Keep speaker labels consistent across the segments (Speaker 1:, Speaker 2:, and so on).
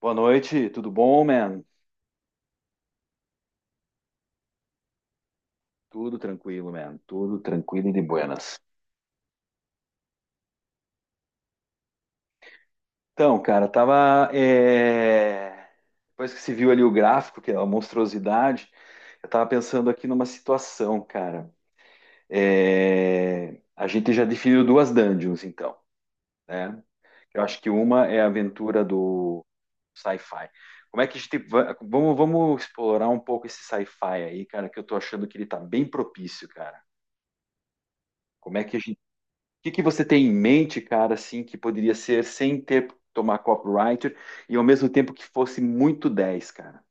Speaker 1: Boa noite, tudo bom, man? Tudo tranquilo, man. Tudo tranquilo e de buenas. Então, cara, depois que se viu ali o gráfico, que é uma monstruosidade, eu tava pensando aqui numa situação, cara. A gente já definiu duas dungeons, então, né? Eu acho que uma é a aventura do sci-fi. Como é que a gente. Va- Vamos, vamos explorar um pouco esse sci-fi aí, cara, que eu tô achando que ele tá bem propício, cara. Como é que a que que você tem em mente, cara, assim, que poderia ser sem ter tomar copyright e ao mesmo tempo que fosse muito dez, cara?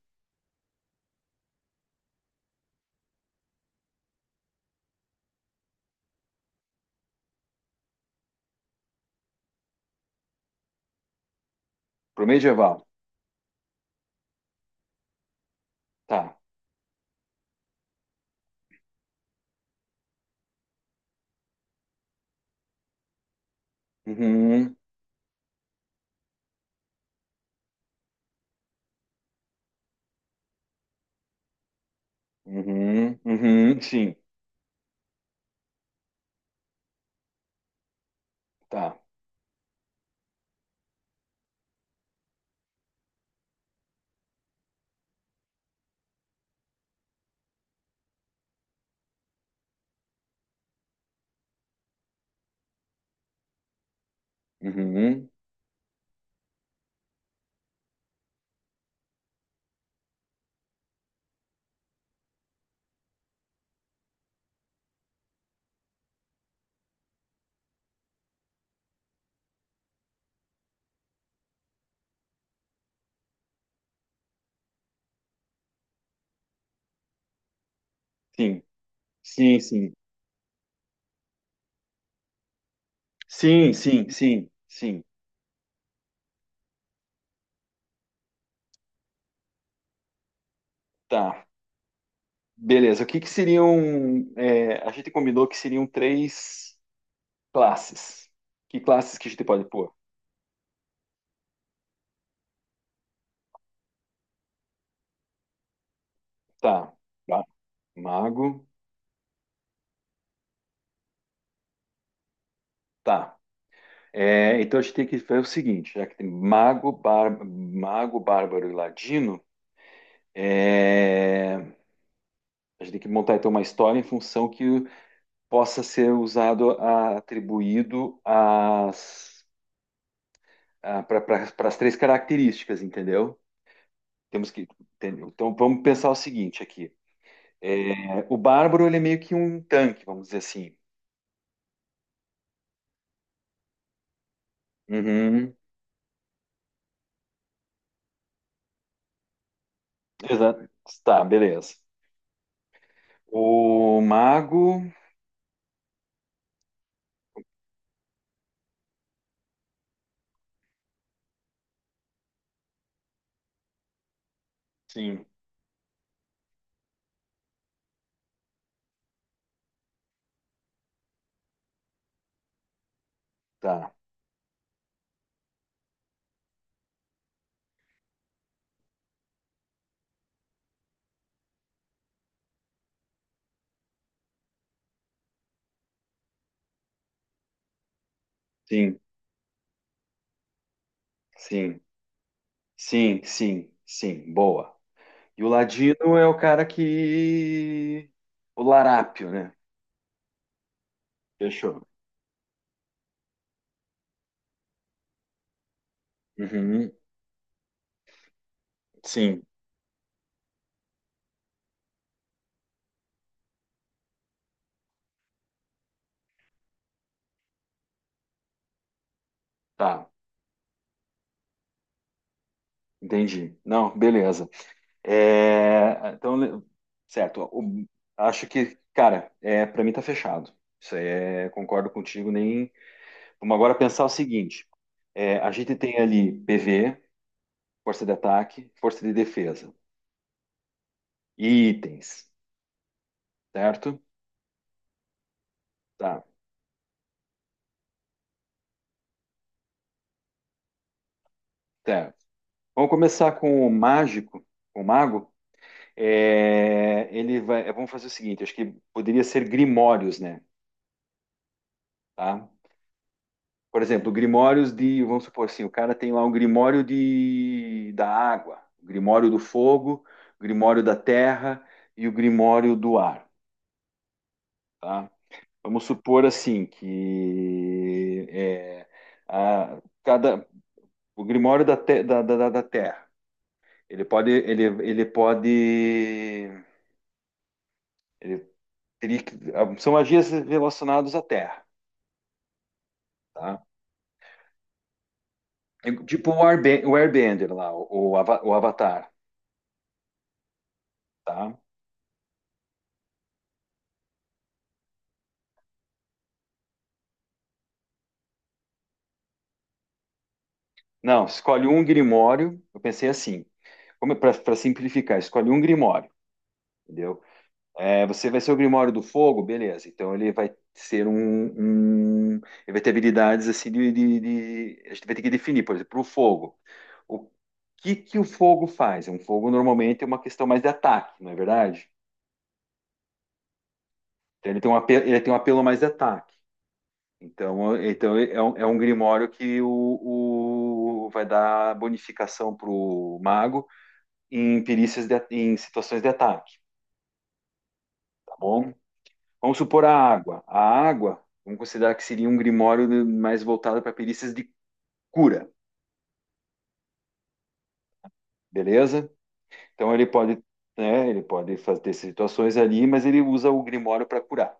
Speaker 1: Pro medieval. Tá. Uhum, uhum, uhum, sim. Tá. Uhum, sim. Sim, sim. Sim, sim, sim, sim. Tá. Beleza. O que que seriam, é, a gente combinou que seriam três classes. Que classes que a gente pode pôr? Tá. Tá. Mago. Tá. É, então a gente tem que fazer o seguinte, já que tem mago, bárbaro e ladino, é, a gente tem que montar então uma história em função que possa ser usado, atribuído às, para as três características, entendeu? Temos que, entendeu? Então vamos pensar o seguinte aqui. É, o bárbaro ele é meio que um tanque, vamos dizer assim. Uhum, exato. Tá, beleza. O mago, sim, tá, sim, sim. Sim, sim, sim, boa. E o Ladino é o cara que. O larápio, né? Fechou. Uhum, sim, tá, entendi. Não, beleza. É, então, certo, o- acho que, cara, é, para mim tá fechado. Isso aí é, concordo contigo, nem. Vamos agora pensar o seguinte: é, a gente tem ali PV, força de ataque, força de defesa, e itens, certo? Tá, certo. Vamos começar com o mágico, com o mago. É, ele vai, é, vamos fazer o seguinte, acho que poderia ser grimórios, né? Tá? Por exemplo, grimórios de, vamos supor assim, o cara tem lá um grimório de, da água, o grimório do fogo, o grimório da terra e o grimório do ar, tá? Vamos supor assim que é, a- cada, o grimório da, te- da, da, da da terra, ele pode, ele, ele pode ele teria que, ah, são magias relacionadas à Terra, tá? É tipo o, o Airbender lá, o Avatar, tá? Não, escolhe um grimório. Eu pensei assim, para simplificar, escolhe um grimório, entendeu? É, você vai ser o grimório do fogo, beleza. Então ele vai ser um, um- ele vai ter habilidades assim de, a gente vai ter que definir, por exemplo, o fogo. O que que o fogo faz? Um fogo normalmente é uma questão mais de ataque, não é verdade? Ele tem um apelo mais de ataque. Então é um grimório que vai dar bonificação para o mago em perícias de, em situações de ataque, tá bom? Vamos supor a água. A água, vamos considerar que seria um grimório de- mais voltado para perícias de cura, beleza? Então ele pode, né, ele pode fazer situações ali, mas ele usa o grimório para curar.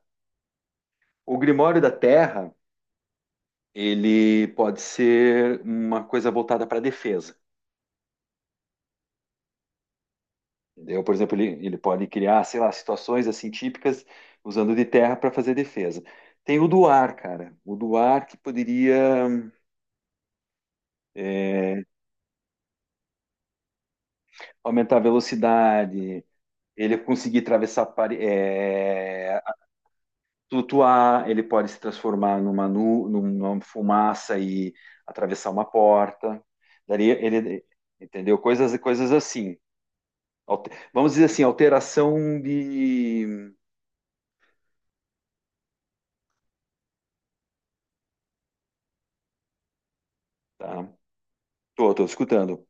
Speaker 1: O grimório da terra, ele pode ser uma coisa voltada para defesa. Entendeu? Por exemplo, ele pode criar, sei lá, situações assim típicas usando de terra para fazer defesa. Tem o do ar, cara. O do ar que poderia é, aumentar a velocidade, ele conseguir atravessar, flutuar, ele pode se transformar numa fumaça e atravessar uma porta. Daria, ele, entendeu? Coisas, coisas assim. Alte- vamos dizer assim, alteração de... Tá, tô, tô escutando.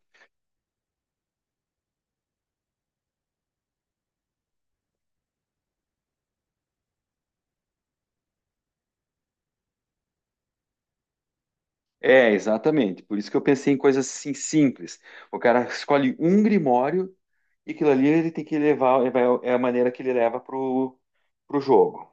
Speaker 1: É, exatamente. Por isso que eu pensei em coisas assim simples. O cara escolhe um grimório e aquilo ali ele tem que levar, é vai- é a maneira que ele leva pro, pro jogo.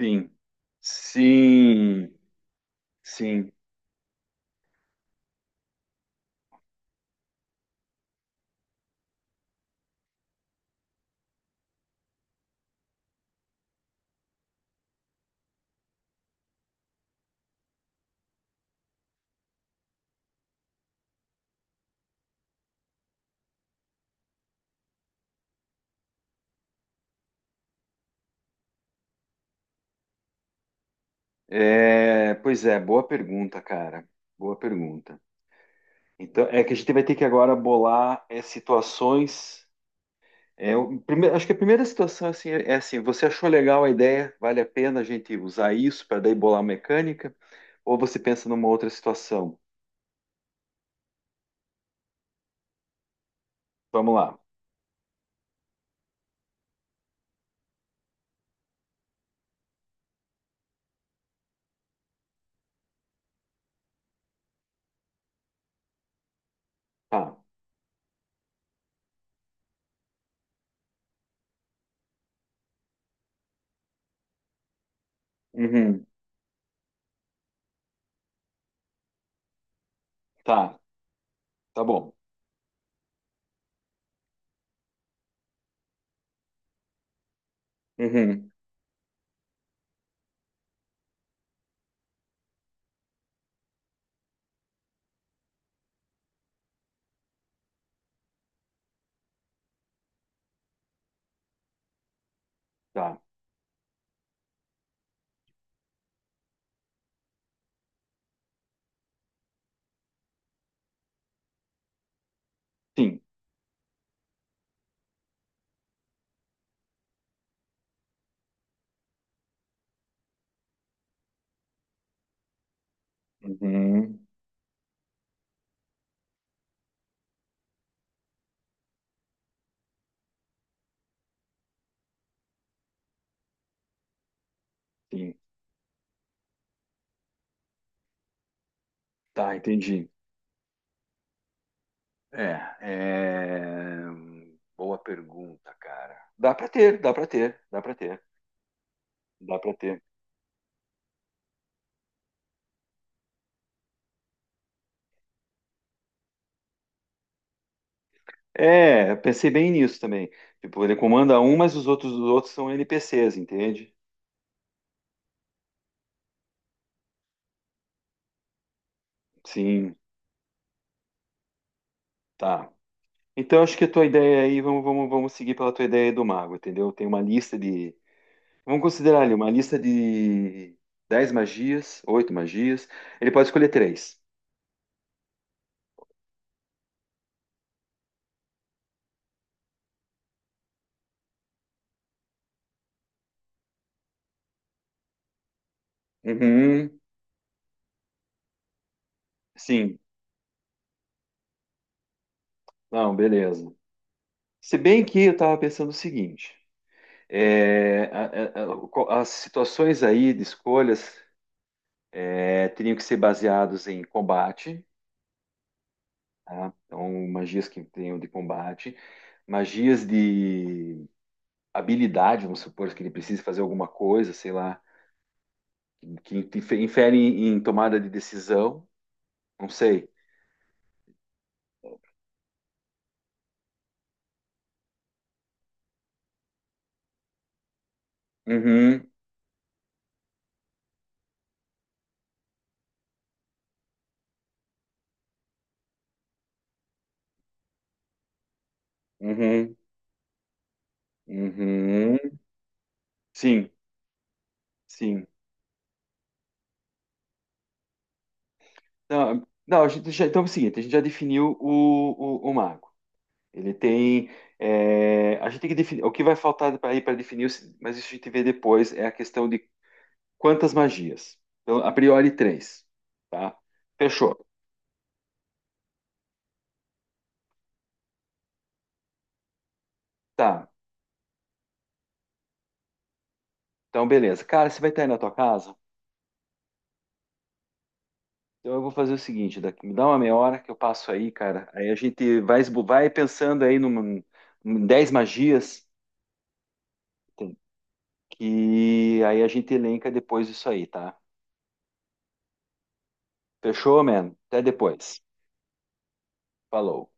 Speaker 1: Sim. Sim, sim. É, pois é, boa pergunta, cara. Boa pergunta. Então, é que a gente vai ter que agora bolar é, situações. É, o prime- acho que a primeira situação assim, é é assim, você achou legal a ideia, vale a pena a gente usar isso para daí bolar a mecânica, ou você pensa numa outra situação? Vamos lá. Tá. Uhum. Tá. Tá bom. Uhum. Tá. Sim. Uhum. Sim. Tá, entendi. É, é, boa pergunta, cara. Dá para ter, dá para ter, dá para ter, dá para ter. É, eu pensei bem nisso também. Tipo, ele comanda um, mas os outros são NPCs, entende? Sim, tá. Então, acho que a tua ideia aí, vamos seguir pela tua ideia do mago, entendeu? Tem uma lista de. Vamos considerar ali, uma lista de 10 magias, oito magias. Ele pode escolher três. Uhum. Sim. Não, beleza. Se bem que eu estava pensando o seguinte: é, o co- as situações aí de escolhas é, teriam que ser baseadas em combate, tá? Então, magias que tenham de combate, magias de habilidade, vamos supor que ele precise fazer alguma coisa, sei lá, que infere em tomada de decisão, não sei. Uhum, uhum, uhum. Sim, sim. Não, não, a gente já, então é o seguinte, a gente já definiu o mago. Ele tem. É, a gente tem que definir. O que vai faltar para definir, o- mas isso a gente vê depois, é a questão de quantas magias. Então, a priori, três. Tá? Fechou. Tá. Então, beleza. Cara, você vai estar aí na tua casa? Então eu vou fazer o seguinte, daqui, me dá uma meia hora que eu passo aí, cara. Aí a gente vai, esbo- vai pensando aí numa, em 10 magias tem- que aí a gente elenca depois isso aí, tá? Fechou, man? Até depois. Falou.